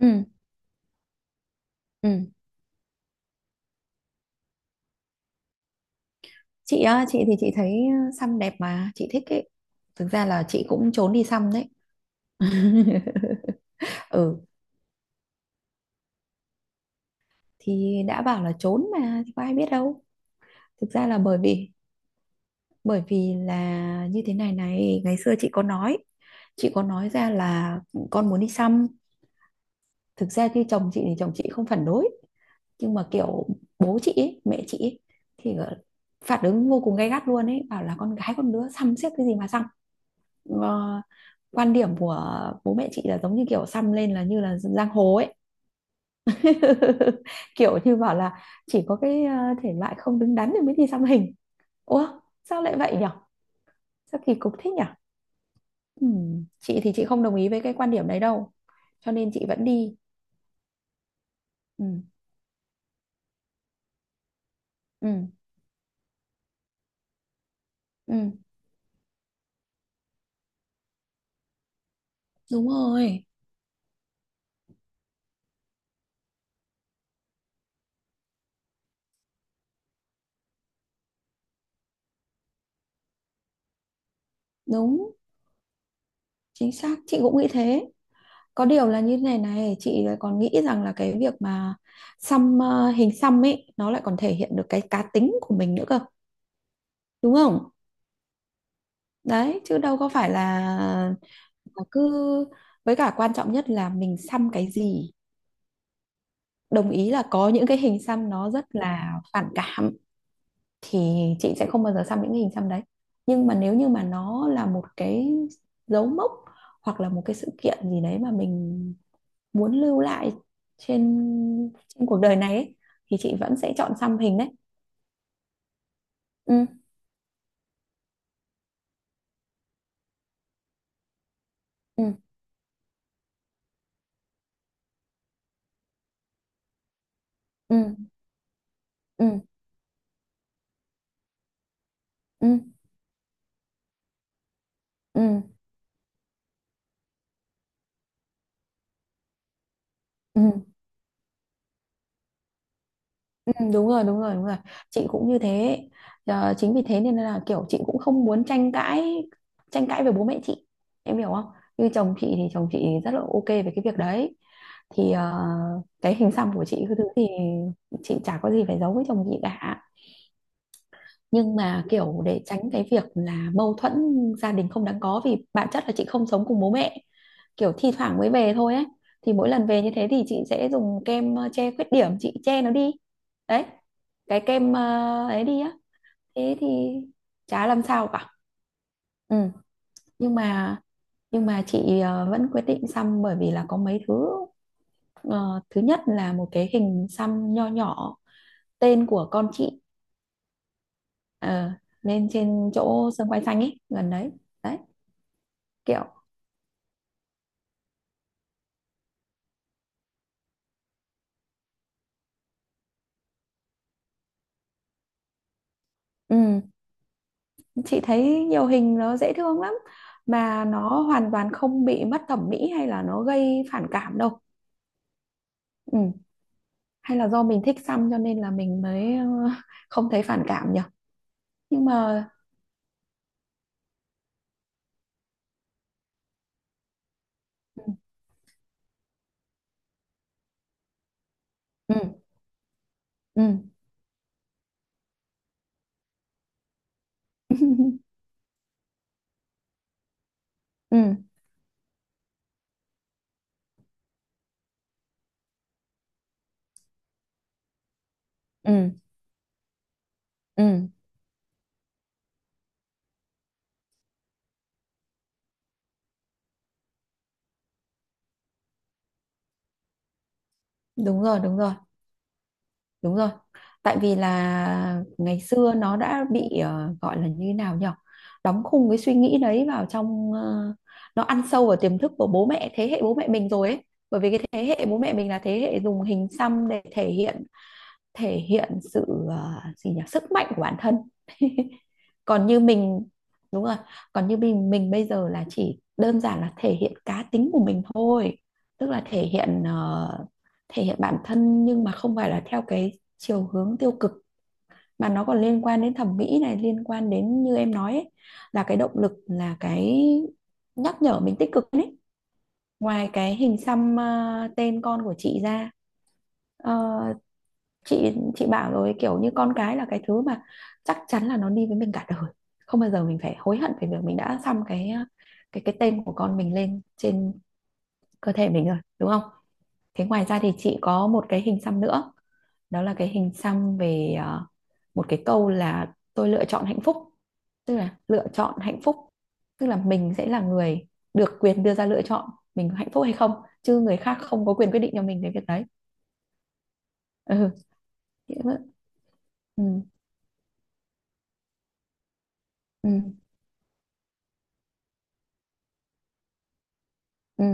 Ừ, ừ. Chị á, chị thì chị thấy xăm đẹp mà chị thích ấy. Thực ra là chị cũng trốn đi xăm đấy. Ừ, thì đã bảo là trốn mà thì có ai biết đâu. Thực ra là bởi vì là như thế này này, ngày xưa chị có nói ra là con muốn đi xăm. Thực ra thì chồng chị không phản đối, nhưng mà kiểu bố chị ấy, mẹ chị ấy, thì phản ứng vô cùng gay gắt luôn ấy, bảo là con gái con đứa xăm xiếc cái gì mà xăm. Ờ, Quan điểm của bố mẹ chị là giống như kiểu xăm lên là như là giang hồ ấy. Kiểu như bảo là chỉ có cái thể loại không đứng đắn thì mới đi xăm hình. Ủa, sao lại vậy nhở? Sao kỳ cục thế nhở? Chị thì chị không đồng ý với cái quan điểm đấy đâu, cho nên chị vẫn đi. Ừ, ừ, ừ. Đúng rồi. Đúng, chính xác, chị cũng nghĩ thế. Có điều là như này này, chị lại còn nghĩ rằng là cái việc mà xăm hình xăm ấy nó lại còn thể hiện được cái cá tính của mình nữa cơ. Đúng không? Đấy, chứ đâu có phải là cứ, với cả quan trọng nhất là mình xăm cái gì. Đồng ý là có những cái hình xăm nó rất là phản cảm, thì chị sẽ không bao giờ xăm những cái hình xăm đấy. Nhưng mà nếu như mà nó là một cái dấu mốc hoặc là một cái sự kiện gì đấy mà mình muốn lưu lại trên trên cuộc đời này ấy, thì chị vẫn sẽ chọn xăm hình đấy. Ừ, ừ, ừ, ừ, ừ, ừ, ừ, ừ. Ừ, đúng rồi, đúng rồi, đúng rồi, chị cũng như thế. Chính vì thế nên là kiểu chị cũng không muốn tranh cãi với bố mẹ chị, em hiểu không? Như chồng chị thì chồng chị rất là OK về cái việc đấy. Thì cái hình xăm của chị, cái thứ thì chị chả có gì phải giấu với chồng chị cả. Nhưng mà kiểu để tránh cái việc là mâu thuẫn gia đình không đáng có, vì bản chất là chị không sống cùng bố mẹ, kiểu thi thoảng mới về thôi ấy, thì mỗi lần về như thế thì chị sẽ dùng kem che khuyết điểm, chị che nó đi. Đấy, cái kem ấy đi á. Thế thì chả làm sao cả. Ừ. nhưng mà nhưng mà chị vẫn quyết định xăm, bởi vì là có mấy thứ. Ờ, Thứ nhất là một cái hình xăm nho nhỏ, tên của con chị, ờ, lên trên chỗ sân quay xanh ấy, gần đấy. Đấy, kiểu. Ừ, chị thấy nhiều hình nó dễ thương lắm, mà nó hoàn toàn không bị mất thẩm mỹ hay là nó gây phản cảm đâu. Ừ. Hay là do mình thích xăm cho nên là mình mới không thấy phản cảm nhỉ. Nhưng mà. Ừ, ừ, ừ. Ừ, ừ, ừ. Đúng rồi, đúng rồi, đúng rồi. Tại vì là ngày xưa nó đã bị gọi là như thế nào nhỉ, đóng khung cái suy nghĩ đấy vào trong, nó ăn sâu vào tiềm thức của bố mẹ, thế hệ bố mẹ mình rồi ấy. Bởi vì cái thế hệ bố mẹ mình là thế hệ dùng hình xăm để thể hiện sự gì nhỉ, sức mạnh của bản thân. Còn như mình. Đúng rồi. Còn như mình bây giờ là chỉ đơn giản là thể hiện cá tính của mình thôi. Tức là thể hiện bản thân, nhưng mà không phải là theo cái chiều hướng tiêu cực, mà nó còn liên quan đến thẩm mỹ này, liên quan đến như em nói ấy, là cái động lực, là cái nhắc nhở mình tích cực ấy. Ngoài cái hình xăm tên con của chị ra, Ờ, chị bảo rồi, kiểu như con cái là cái thứ mà chắc chắn là nó đi với mình cả đời, không bao giờ mình phải hối hận về việc mình đã xăm cái tên của con mình lên trên cơ thể mình rồi, đúng không? Thế ngoài ra thì chị có một cái hình xăm nữa, đó là cái hình xăm về một cái câu là "tôi lựa chọn hạnh phúc". Tức là lựa chọn hạnh phúc, tức là mình sẽ là người được quyền đưa ra lựa chọn mình có hạnh phúc hay không, chứ người khác không có quyền quyết định cho mình cái việc đấy. Ừ. chị cũng- ừ. Ừ. Ừ.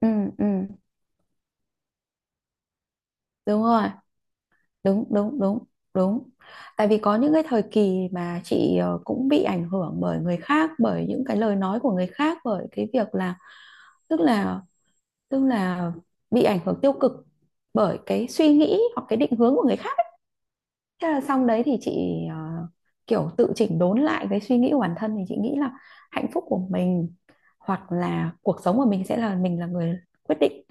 Ừ, ừ, đúng rồi, đúng, đúng, đúng, đúng. Tại vì có những cái thời kỳ mà chị cũng bị ảnh hưởng bởi người khác, bởi những cái lời nói của người khác, bởi cái việc là, tức là tức là bị ảnh hưởng tiêu cực bởi cái suy nghĩ hoặc cái định hướng của người khác. Thế là xong đấy, thì chị ờ, kiểu tự chỉnh đốn lại cái suy nghĩ của bản thân, thì chị nghĩ là hạnh phúc của mình hoặc là cuộc sống của mình sẽ là mình là người quyết định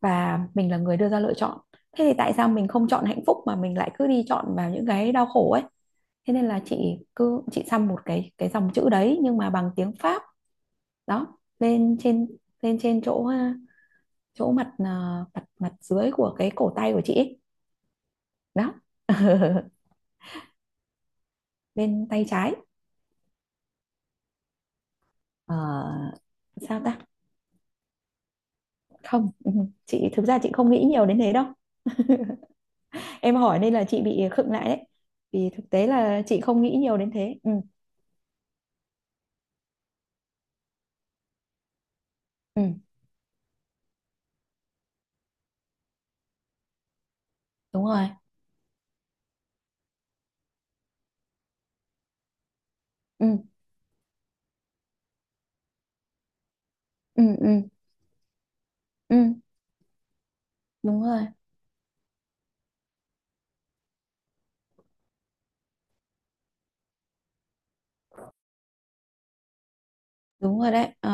và mình là người đưa ra lựa chọn. Thế thì tại sao mình không chọn hạnh phúc mà mình lại cứ đi chọn vào những cái đau khổ ấy? Thế nên là chị cứ chị xăm một cái dòng chữ đấy nhưng mà bằng tiếng Pháp đó lên trên chỗ ờ, chỗ mặt ờ, mặt mặt dưới của cái cổ tay của chị ấy. Đó. Bên tay trái. Ờ, Sao ta. Không. Ừ, chị thực ra chị không nghĩ nhiều đến thế đâu. Em hỏi nên là chị bị khựng lại đấy, vì thực tế là chị không nghĩ nhiều đến thế. Ừ, ừ, đúng rồi. Ừ, ừ, ừ, ừ, đúng rồi, đúng rồi. Đấy. Ờ,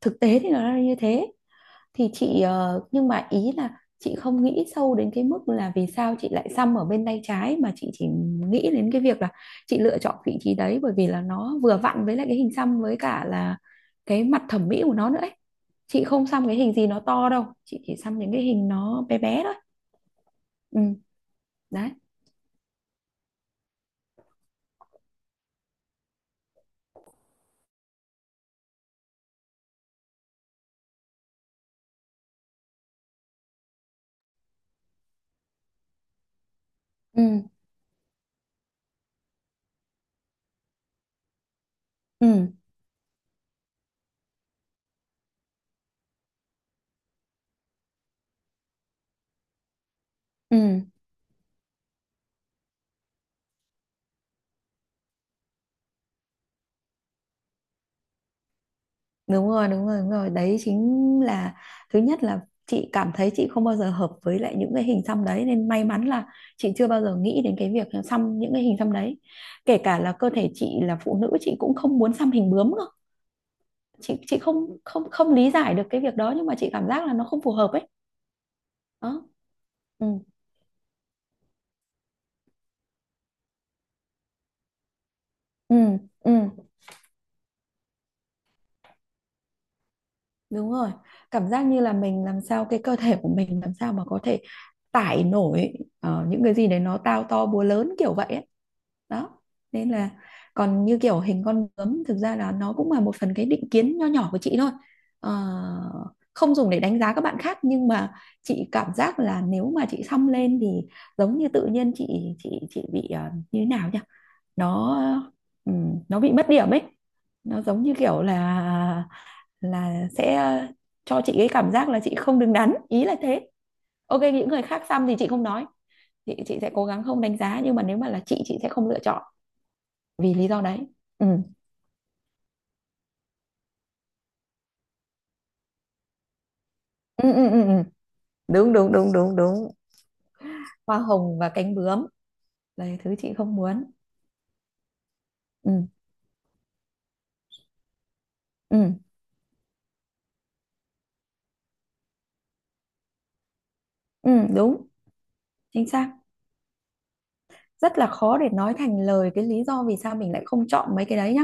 Thực tế thì nó là như thế, thì chị nhưng mà ý là chị không nghĩ sâu đến cái mức là vì sao chị lại xăm ở bên tay trái, mà chị chỉ nghĩ đến cái việc là chị lựa chọn vị trí đấy, bởi vì là nó vừa vặn với lại cái hình xăm, với cả là cái mặt thẩm mỹ của nó nữa ấy. Chị không xăm cái hình gì nó to đâu, chị chỉ xăm những cái hình nó bé bé thôi. Ừ. Đấy. Ừ, ừ, ừ. Đúng rồi, đúng rồi, đúng rồi. Đấy chính là, thứ nhất là chị cảm thấy chị không bao giờ hợp với lại những cái hình xăm đấy, nên may mắn là chị chưa bao giờ nghĩ đến cái việc xăm những cái hình xăm đấy. Kể cả là cơ thể chị là phụ nữ, chị cũng không muốn xăm hình bướm cơ. Chị không không không lý giải được cái việc đó, nhưng mà chị cảm giác là nó không phù hợp ấy. Đó. Ừ. Ừ, ừ, đúng rồi. Cảm giác như là mình làm sao, cái cơ thể của mình làm sao mà có thể tải nổi những cái gì đấy nó tao to búa lớn kiểu vậy ấy. Đó. Nên là còn như kiểu hình con bướm, thực ra là nó cũng là một phần cái định kiến nho nhỏ của chị thôi. Ờ, Không dùng để đánh giá các bạn khác, nhưng mà chị cảm giác là nếu mà chị xăm lên thì giống như tự nhiên chị bị như thế nào nhỉ? Nó ừ, nó bị mất điểm ấy. Nó giống như kiểu là sẽ cho chị cái cảm giác là chị không đứng đắn, ý là thế. OK, những người khác xăm thì chị không nói, chị sẽ cố gắng không đánh giá, nhưng mà nếu mà là chị sẽ không lựa chọn vì lý do đấy. Ừ, ừ, ừ, ừ, ừ. Đúng, đúng, đúng, đúng, đúng. Hoa hồng và cánh bướm là thứ chị không muốn. Ừ, ừ, ừ, đúng, chính xác. Rất là khó để nói thành lời cái lý do vì sao mình lại không chọn mấy cái đấy nhá.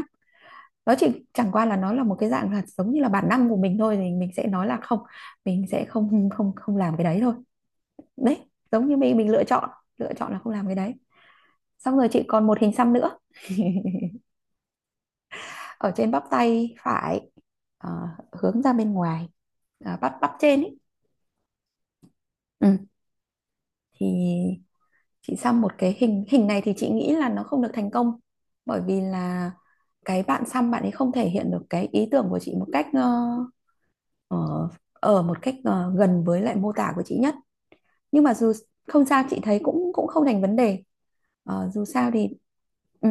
Nó chỉ chẳng qua là nó là một cái dạng là giống như là bản năng của mình thôi, thì mình sẽ nói là không, mình sẽ không không không làm cái đấy thôi. Đấy, giống như mình lựa chọn là không làm cái đấy. Xong rồi chị còn một hình xăm nữa, ở trên bắp tay phải, hướng ra bên ngoài. À, bắp bắp trên ấy. Ừ. Thì chị xăm một cái hình hình này thì chị nghĩ là nó không được thành công, bởi vì là cái bạn xăm, bạn ấy không thể hiện được cái ý tưởng của chị một ở một cách gần với lại mô tả của chị nhất, nhưng mà dù không sao, chị thấy cũng cũng không thành vấn đề. Dù sao thì, ừ,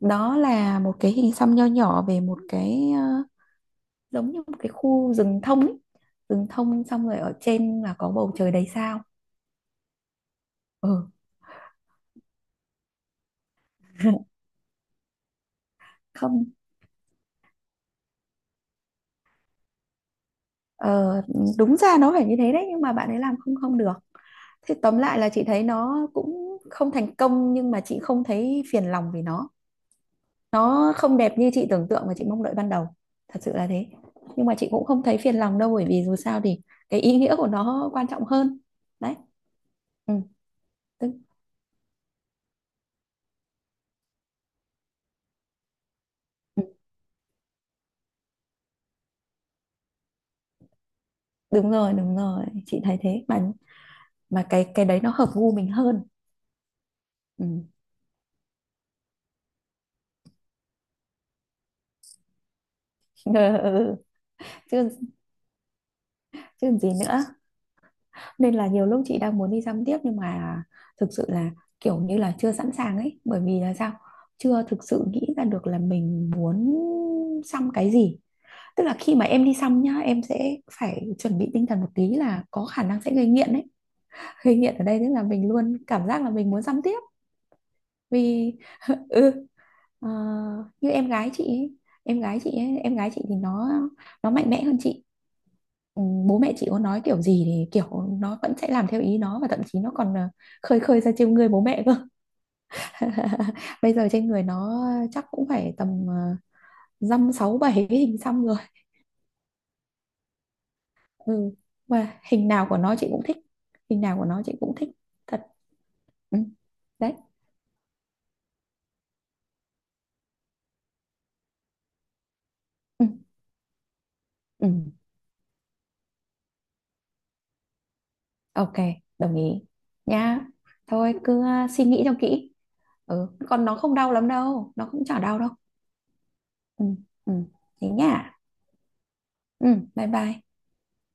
đó là một cái hình xăm nho nhỏ về một cái, giống như một cái khu rừng thông ấy. Rừng thông xong rồi ở trên là có bầu trời đầy sao. Ừ. Không, ờ, đúng ra nó phải như thế đấy, nhưng mà bạn ấy làm không không được. Thế tóm lại là chị thấy nó cũng không thành công, nhưng mà chị không thấy phiền lòng vì nó không đẹp như chị tưởng tượng và chị mong đợi ban đầu. Thật sự là thế, nhưng mà chị cũng không thấy phiền lòng đâu, bởi vì dù sao thì cái ý nghĩa của nó quan trọng hơn. Đấy. Ừ. tức, ừ, đúng rồi, đúng rồi, chị thấy thế mà cái đấy nó hợp gu mình hơn. Ừ. Ừ. chứ chứ gì nữa. Nên là nhiều lúc chị đang muốn đi dăm tiếp, nhưng mà thực sự là kiểu như là chưa sẵn sàng ấy, bởi vì là sao, chưa thực sự nghĩ ra được là mình muốn xăm cái gì. Tức là khi mà em đi xăm nhá, em sẽ phải chuẩn bị tinh thần một tí là có khả năng sẽ gây nghiện ấy. Gây nghiện ở đây tức là mình luôn cảm giác là mình muốn xăm tiếp vì. Ừ. ờ, Như em gái chị ấy, em gái chị thì nó mạnh mẽ hơn chị. Ừ, bố mẹ chị có nói kiểu gì thì kiểu nó vẫn sẽ làm theo ý nó, và thậm chí nó còn khơi khơi ra trêu ngươi bố mẹ cơ. Bây giờ trên người nó chắc cũng phải tầm dăm sáu bảy cái hình xăm rồi. Ừ. Và hình nào của nó chị cũng thích, hình nào của nó chị cũng thích thật. Ừ. Đấy. Ừ. Ừ. OK, đồng ý nha. Thôi cứ suy nghĩ cho kỹ. Ừ. Còn nó không đau lắm đâu, nó cũng chả đau đâu. Ừ. Ừ. Thế nha. Ừ. Bye bye.